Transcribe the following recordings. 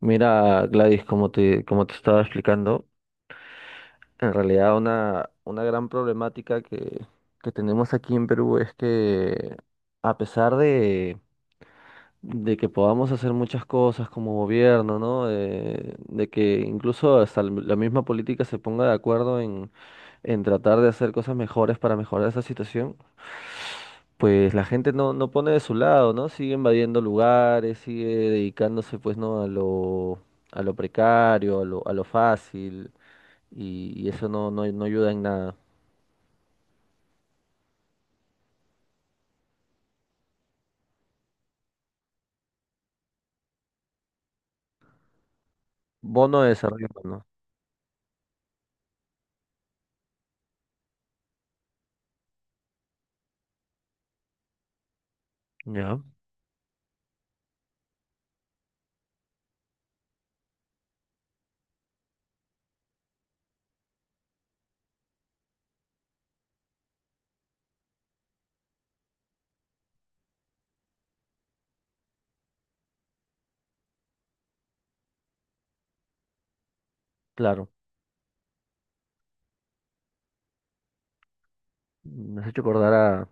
Mira, Gladys, como te estaba explicando, en realidad una gran problemática que tenemos aquí en Perú es que a pesar de que podamos hacer muchas cosas como gobierno, ¿no? De que incluso hasta la misma política se ponga de acuerdo en tratar de hacer cosas mejores para mejorar esa situación, pues la gente no pone de su lado, ¿no? Sigue invadiendo lugares, sigue dedicándose pues no a lo precario, a lo fácil, y eso no ayuda en nada. Bono de desarrollo humano. Ya, claro. Me has hecho acordar a,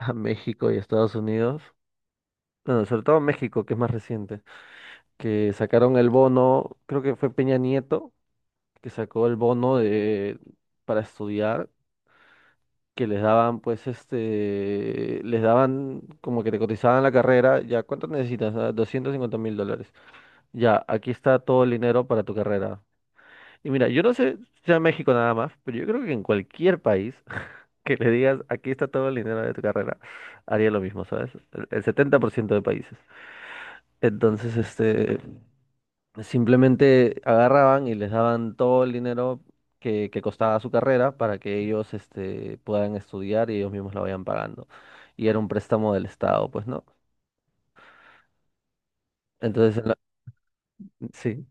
a México y Estados Unidos. Bueno, sobre todo México, que es más reciente, que sacaron el bono, creo que fue Peña Nieto, que sacó el bono de, para estudiar que les daban, pues, este, les daban como que te cotizaban la carrera, ya, ¿cuánto necesitas? Ah, 250.000 dólares. Ya, aquí está todo el dinero para tu carrera. Y mira, yo no sé si sea en México nada más, pero yo creo que en cualquier país que le digas, aquí está todo el dinero de tu carrera, haría lo mismo, ¿sabes? El 70% de países. Entonces, este, simplemente agarraban y les daban todo el dinero que costaba su carrera para que ellos este, puedan estudiar y ellos mismos la vayan pagando. Y era un préstamo del Estado, pues, ¿no? Entonces, en la- sí.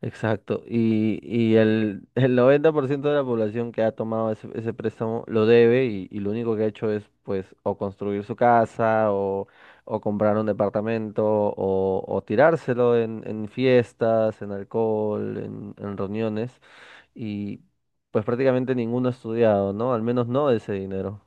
Exacto, y el, el 90% de la población que ha tomado ese préstamo lo debe y lo único que ha hecho es pues o construir su casa o comprar un departamento o tirárselo en fiestas, en alcohol, en reuniones y pues prácticamente ninguno ha estudiado, ¿no? Al menos no ese dinero.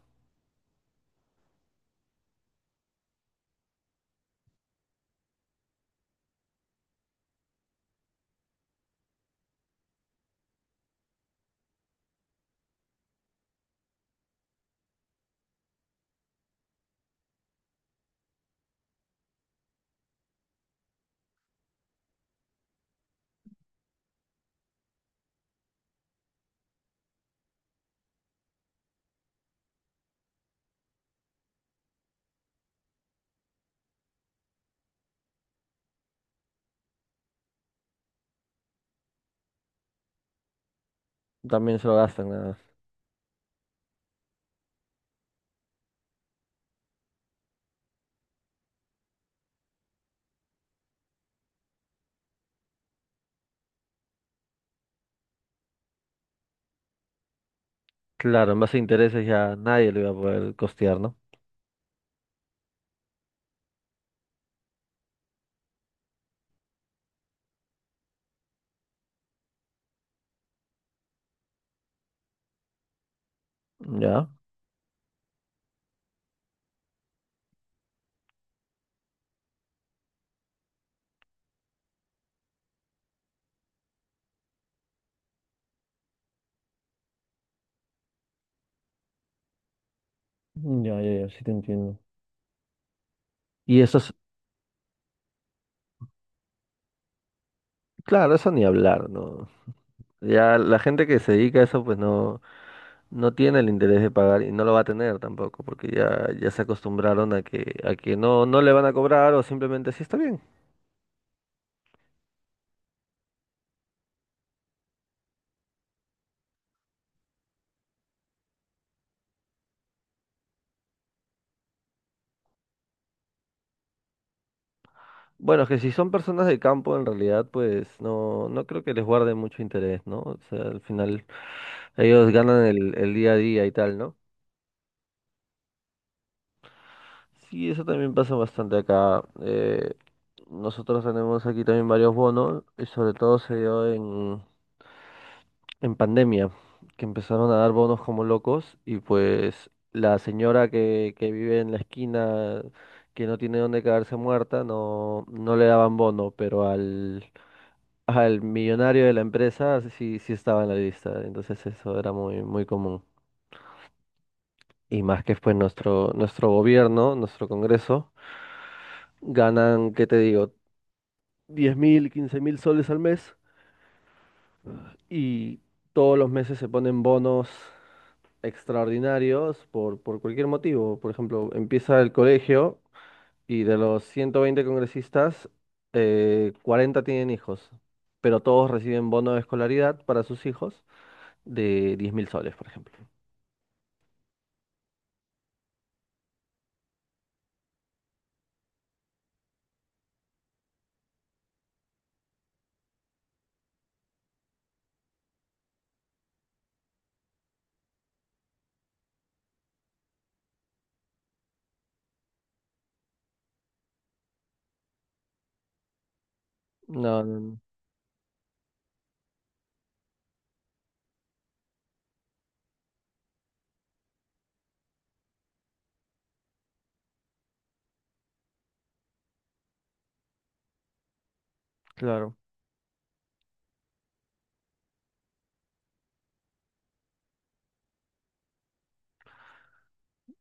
También se lo gastan nada más. Claro, en base a intereses ya nadie lo iba a poder costear, ¿no? Ya. Ya, ya, ya, sí te entiendo. Y eso es, Claro, eso ni hablar, ¿no? Ya la gente que se dedica a eso, pues no, tiene el interés de pagar y no lo va a tener tampoco, porque ya se acostumbraron a que no le van a cobrar o simplemente sí está bien. Bueno, es que si son personas de campo, en realidad, pues no creo que les guarde mucho interés, ¿no? O sea, al final ellos ganan el día a día y tal, ¿no? Sí, eso también pasa bastante acá. Nosotros tenemos aquí también varios bonos, y sobre todo se dio en pandemia, que empezaron a dar bonos como locos y pues la señora que vive en la esquina, que no tiene dónde quedarse muerta, no, le daban bono, pero al millonario de la empresa sí estaba en la lista, entonces eso era muy, muy común. Y más que pues nuestro gobierno, nuestro Congreso, ganan, ¿qué te digo? 10.000, 15.000 soles al mes y todos los meses se ponen bonos extraordinarios por cualquier motivo. Por ejemplo, empieza el colegio y de los 120 congresistas, 40 tienen hijos, pero todos reciben bono de escolaridad para sus hijos de 10 mil soles, por ejemplo. No, no, no, claro,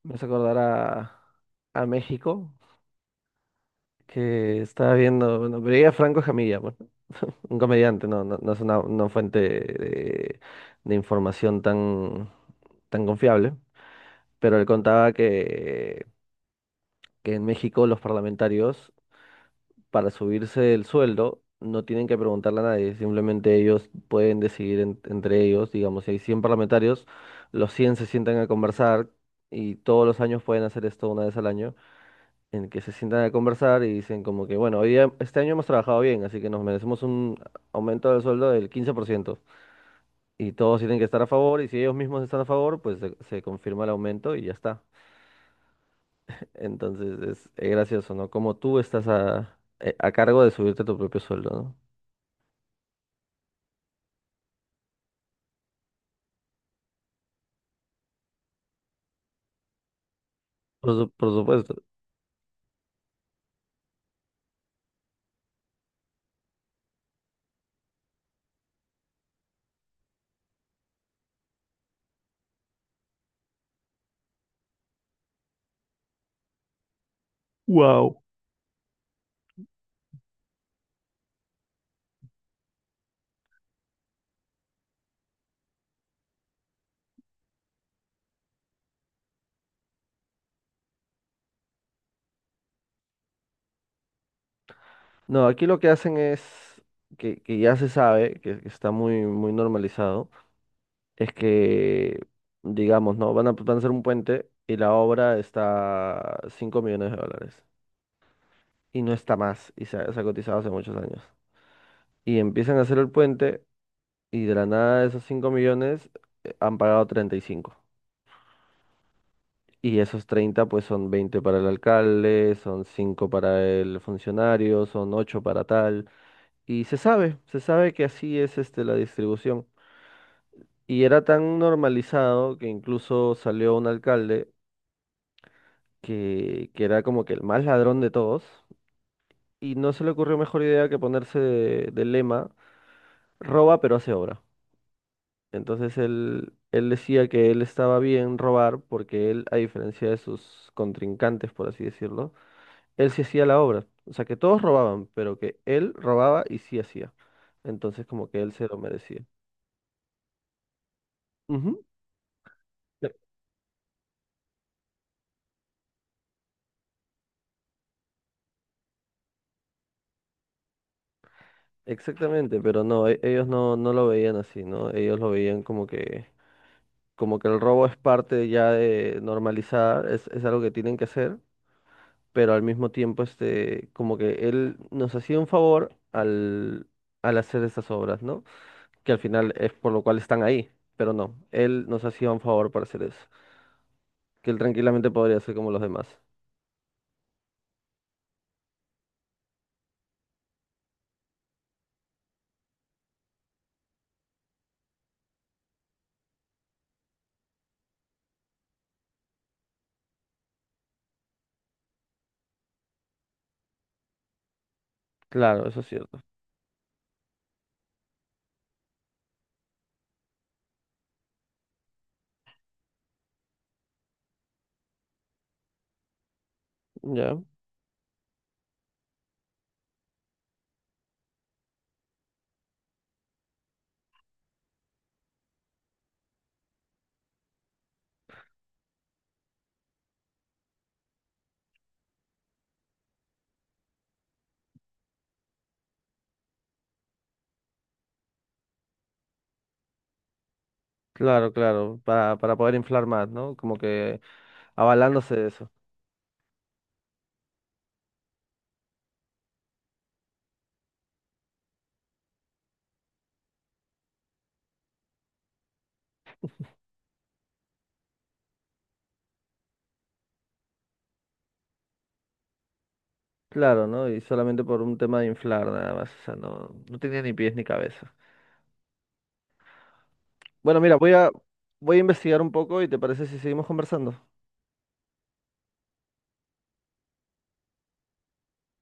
me hace acordar a México, que estaba viendo, bueno, veía a Franco Escamilla, bueno, un comediante, no, no, no es una fuente de información tan, tan confiable. Pero él contaba que en México los parlamentarios, para subirse el sueldo, no tienen que preguntarle a nadie, simplemente ellos pueden decidir entre ellos, digamos, si hay 100 parlamentarios, los 100 se sientan a conversar y todos los años pueden hacer esto una vez al año, en que se sientan a conversar y dicen como que, bueno, este año hemos trabajado bien, así que nos merecemos un aumento del sueldo del 15%. Y todos tienen que estar a favor, y si ellos mismos están a favor, pues se confirma el aumento y ya está. Entonces es, gracioso, ¿no? Como tú estás a cargo de subirte tu propio sueldo, ¿no? Por supuesto. No, aquí lo que hacen es, que ya se sabe, que está muy, muy normalizado, es que, digamos, ¿no? Van a hacer un puente y la obra está 5 millones de dólares. Y no está más, y se ha cotizado hace muchos años. Y empiezan a hacer el puente y de la nada de esos 5 millones han pagado 35. Y esos 30 pues son 20 para el alcalde, son 5 para el funcionario, son 8 para tal. Y se sabe que así es este, la distribución. Y era tan normalizado que incluso salió un alcalde que era como que el más ladrón de todos. Y no se le ocurrió mejor idea que ponerse de lema, roba pero hace obra. Entonces él, decía que él estaba bien robar porque él, a diferencia de sus contrincantes, por así decirlo, él sí hacía la obra. O sea, que todos robaban, pero que él robaba y sí hacía. Entonces, como que él se lo merecía. Ujú. Pe- Exactamente, pero no, ellos no, lo veían así, ¿no? Ellos lo veían como que, el robo es parte ya de normalizada, es algo que tienen que hacer, pero al mismo tiempo, este, como que él nos hacía un favor al hacer esas obras, ¿no? Que al final es por lo cual están ahí, pero no, él nos hacía un favor para hacer eso, que él tranquilamente podría hacer como los demás. Claro, eso es cierto. Ya. Claro, claro. Para poder inflar más, ¿no? Como que avalándose de eso. Claro, ¿no? Y solamente por un tema de inflar nada más. O sea, no, tenía ni pies ni cabeza. Bueno, mira, voy a investigar un poco y ¿te parece si seguimos conversando?